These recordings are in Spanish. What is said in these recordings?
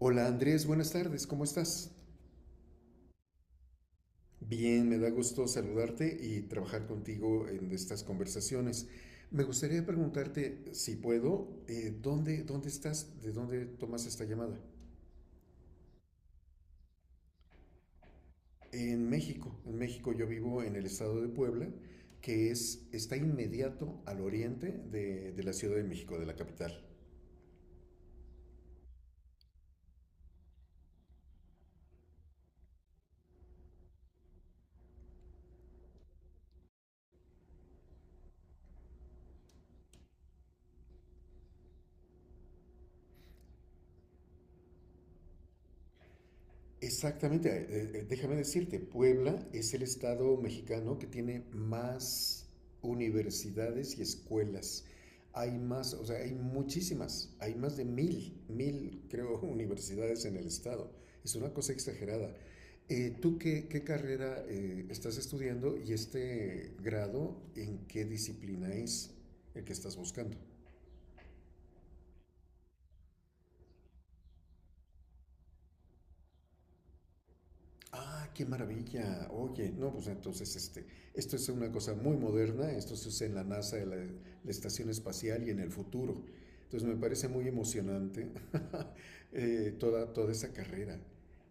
Hola Andrés, buenas tardes, ¿cómo estás? Bien, me da gusto saludarte y trabajar contigo en estas conversaciones. Me gustaría preguntarte, si puedo, ¿dónde estás? ¿De dónde tomas esta llamada? En México. En México yo vivo en el estado de Puebla, está inmediato al oriente de la Ciudad de México, de la capital. Exactamente, déjame decirte, Puebla es el estado mexicano que tiene más universidades y escuelas. Hay más, o sea, hay muchísimas, hay más de mil, creo, universidades en el estado. Es una cosa exagerada. ¿Tú qué carrera estás estudiando y este grado en qué disciplina es el que estás buscando? Ah, qué maravilla. Oye, no, pues esto es una cosa muy moderna, esto se usa en la NASA, en la estación espacial y en el futuro. Entonces me parece muy emocionante toda esa carrera.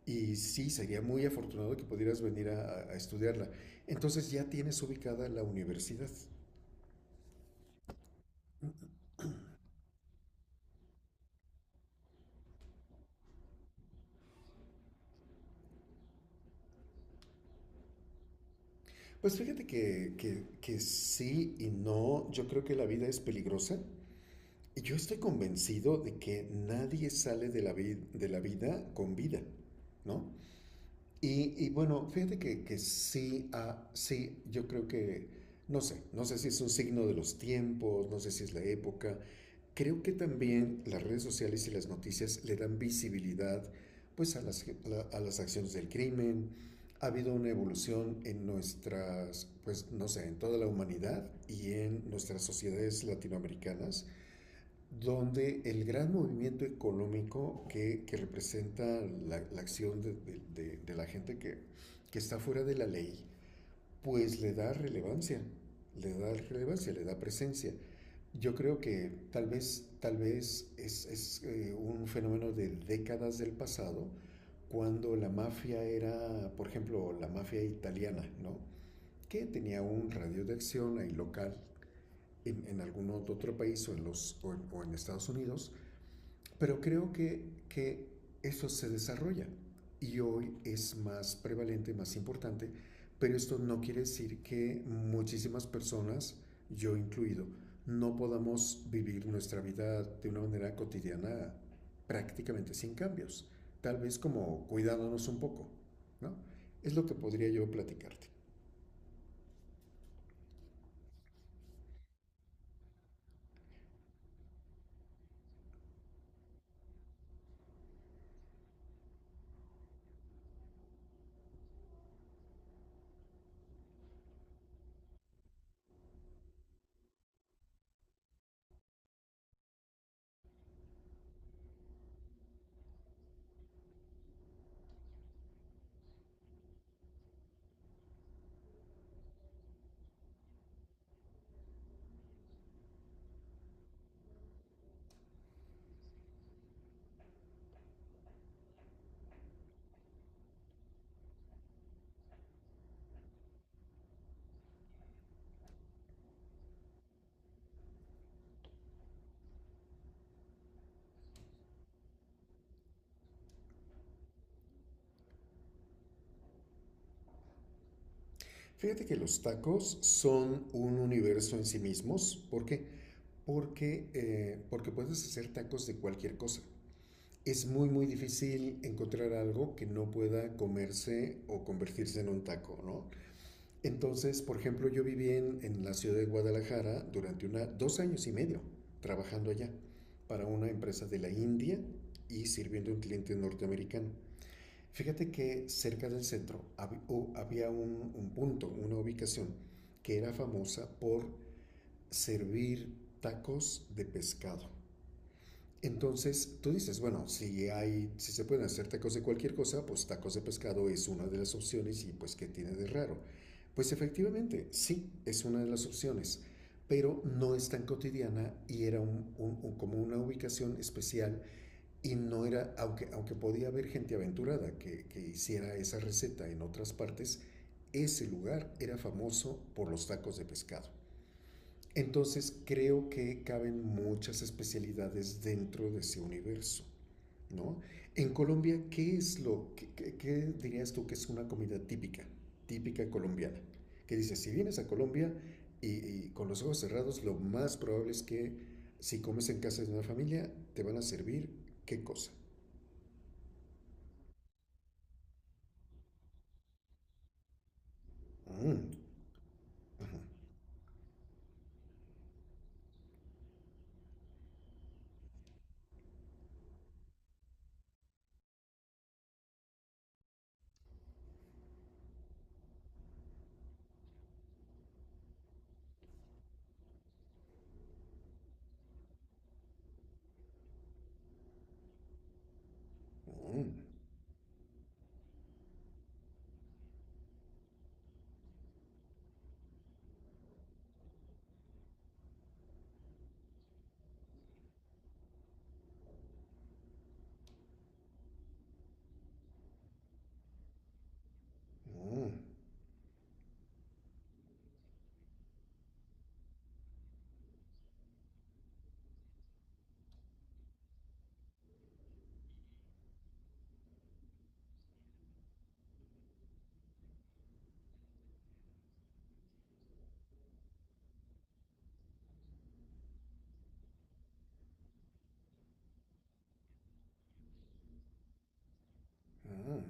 Y sí, sería muy afortunado que pudieras venir a, a estudiarla. Entonces ya tienes ubicada la universidad. Pues fíjate que sí y no, yo creo que la vida es peligrosa. Yo estoy convencido de que nadie sale de la, de la vida con vida, ¿no? Y bueno, fíjate que sí, ah, sí, yo creo que, no sé, no sé si es un signo de los tiempos, no sé si es la época. Creo que también las redes sociales y las noticias le dan visibilidad, pues, a a las acciones del crimen. Ha habido una evolución en nuestras, pues, no sé, en toda la humanidad y en nuestras sociedades latinoamericanas donde el gran movimiento económico que representa la acción de, de la gente que está fuera de la ley, pues le da relevancia, le da relevancia, le da presencia. Yo creo que tal vez, tal vez es un fenómeno de décadas del pasado, cuando la mafia era, por ejemplo, la mafia italiana, ¿no? Que tenía un radio de acción ahí local en algún otro país o en, los, o en Estados Unidos, pero creo que eso se desarrolla y hoy es más prevalente, más importante, pero esto no quiere decir que muchísimas personas, yo incluido, no podamos vivir nuestra vida de una manera cotidiana prácticamente sin cambios, tal vez como cuidándonos un poco, ¿no? Es lo que podría yo platicarte. Fíjate que los tacos son un universo en sí mismos, ¿por qué? Porque, porque puedes hacer tacos de cualquier cosa. Es muy difícil encontrar algo que no pueda comerse o convertirse en un taco, ¿no? Entonces, por ejemplo, yo viví en la ciudad de Guadalajara durante dos años y medio trabajando allá para una empresa de la India y sirviendo a un cliente norteamericano. Fíjate que cerca del centro hab- o había un punto, una ubicación que era famosa por servir tacos de pescado. Entonces tú dices, bueno, si se pueden hacer tacos de cualquier cosa, pues tacos de pescado es una de las opciones y pues ¿qué tiene de raro? Pues efectivamente, sí, es una de las opciones, pero no es tan cotidiana y era como una ubicación especial y no era, aunque podía haber gente aventurada que hiciera esa receta en otras partes, ese lugar era famoso por los tacos de pescado. Entonces creo que caben muchas especialidades dentro de ese universo. ¿No? En Colombia, ¿qué es qué dirías tú que es una comida típica, típica colombiana? Que dices, si vienes a Colombia y, y con los ojos cerrados, lo más probable es que si comes en casa de una familia, te van a servir qué cosa. Mm, mm, mm, mm.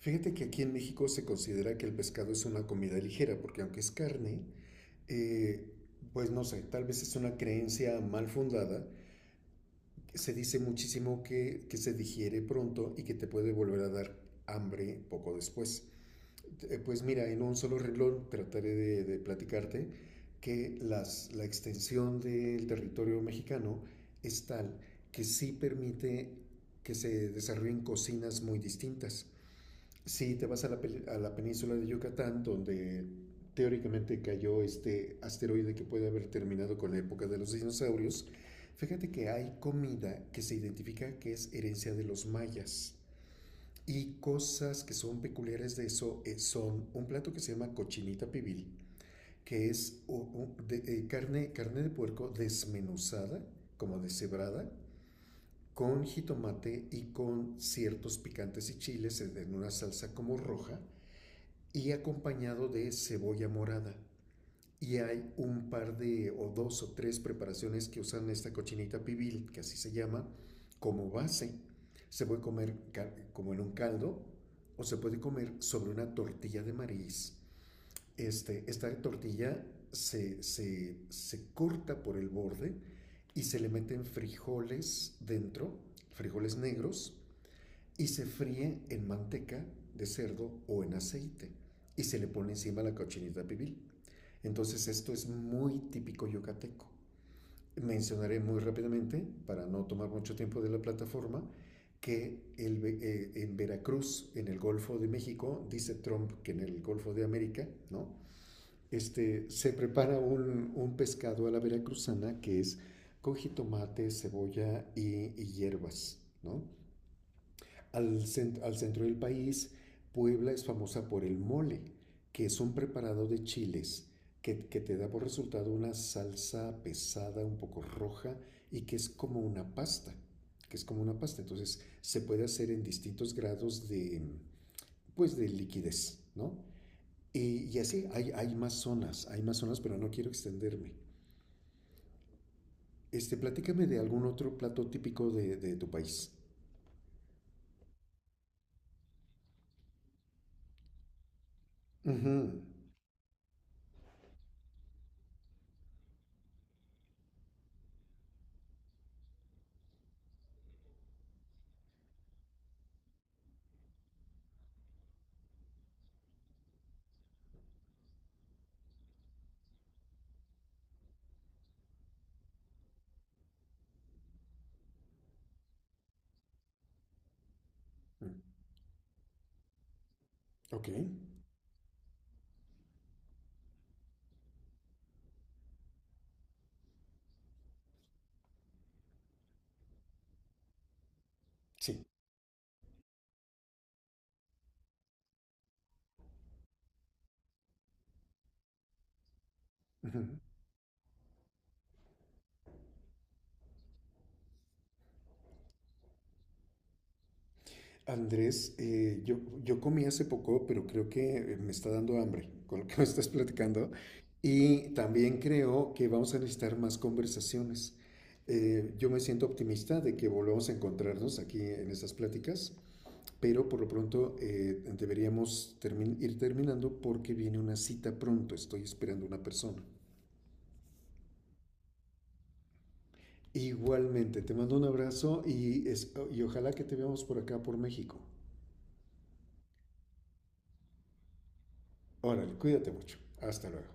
Fíjate que aquí en México se considera que el pescado es una comida ligera, porque aunque es carne, eh, pues no sé, tal vez es una creencia mal fundada. Se dice muchísimo que se digiere pronto y que te puede volver a dar hambre poco después. Pues mira, en un solo renglón trataré de platicarte que la extensión del territorio mexicano es tal que sí permite que se desarrollen cocinas muy distintas. Sí, te vas a a la península de Yucatán, donde teóricamente cayó este asteroide que puede haber terminado con la época de los dinosaurios. Fíjate que hay comida que se identifica que es herencia de los mayas. Y cosas que son peculiares de eso son un plato que se llama cochinita pibil, que es carne de puerco desmenuzada, como deshebrada, con jitomate y con ciertos picantes y chiles en una salsa como roja y acompañado de cebolla morada. Y hay un par de o dos o tres preparaciones que usan esta cochinita pibil, que así se llama, como base. Se puede comer como en un caldo o se puede comer sobre una tortilla de maíz. Este, esta tortilla se corta por el borde y se le meten frijoles dentro, frijoles negros, y se fríe en manteca de cerdo o en aceite y se le pone encima la cochinita pibil. Entonces esto es muy típico yucateco. Mencionaré muy rápidamente, para no tomar mucho tiempo de la plataforma, que en Veracruz, en el Golfo de México, dice Trump que en el Golfo de América, ¿no? Este, se prepara un pescado a la veracruzana que es con jitomate, cebolla y hierbas, ¿no? Al centro del país, Puebla es famosa por el mole, que es un preparado de chiles que te da por resultado una salsa pesada, un poco roja, y que es como una pasta, que es como una pasta. Entonces se puede hacer en distintos grados de, pues, de liquidez, ¿no? Y así hay, hay más zonas, pero no quiero extenderme. Este, platícame de algún otro plato típico de tu país. Ujú. Mm, ok, sí. Ujú. Andrés, yo comí hace poco, pero creo que me está dando hambre con lo que me estás platicando. Y también creo que vamos a necesitar más conversaciones. Yo me siento optimista de que volvamos a encontrarnos aquí en estas pláticas, pero por lo pronto ir terminando porque viene una cita pronto. Estoy esperando una persona. Igualmente, te mando un abrazo y, y ojalá que te veamos por acá, por México. Órale, cuídate mucho. Hasta luego.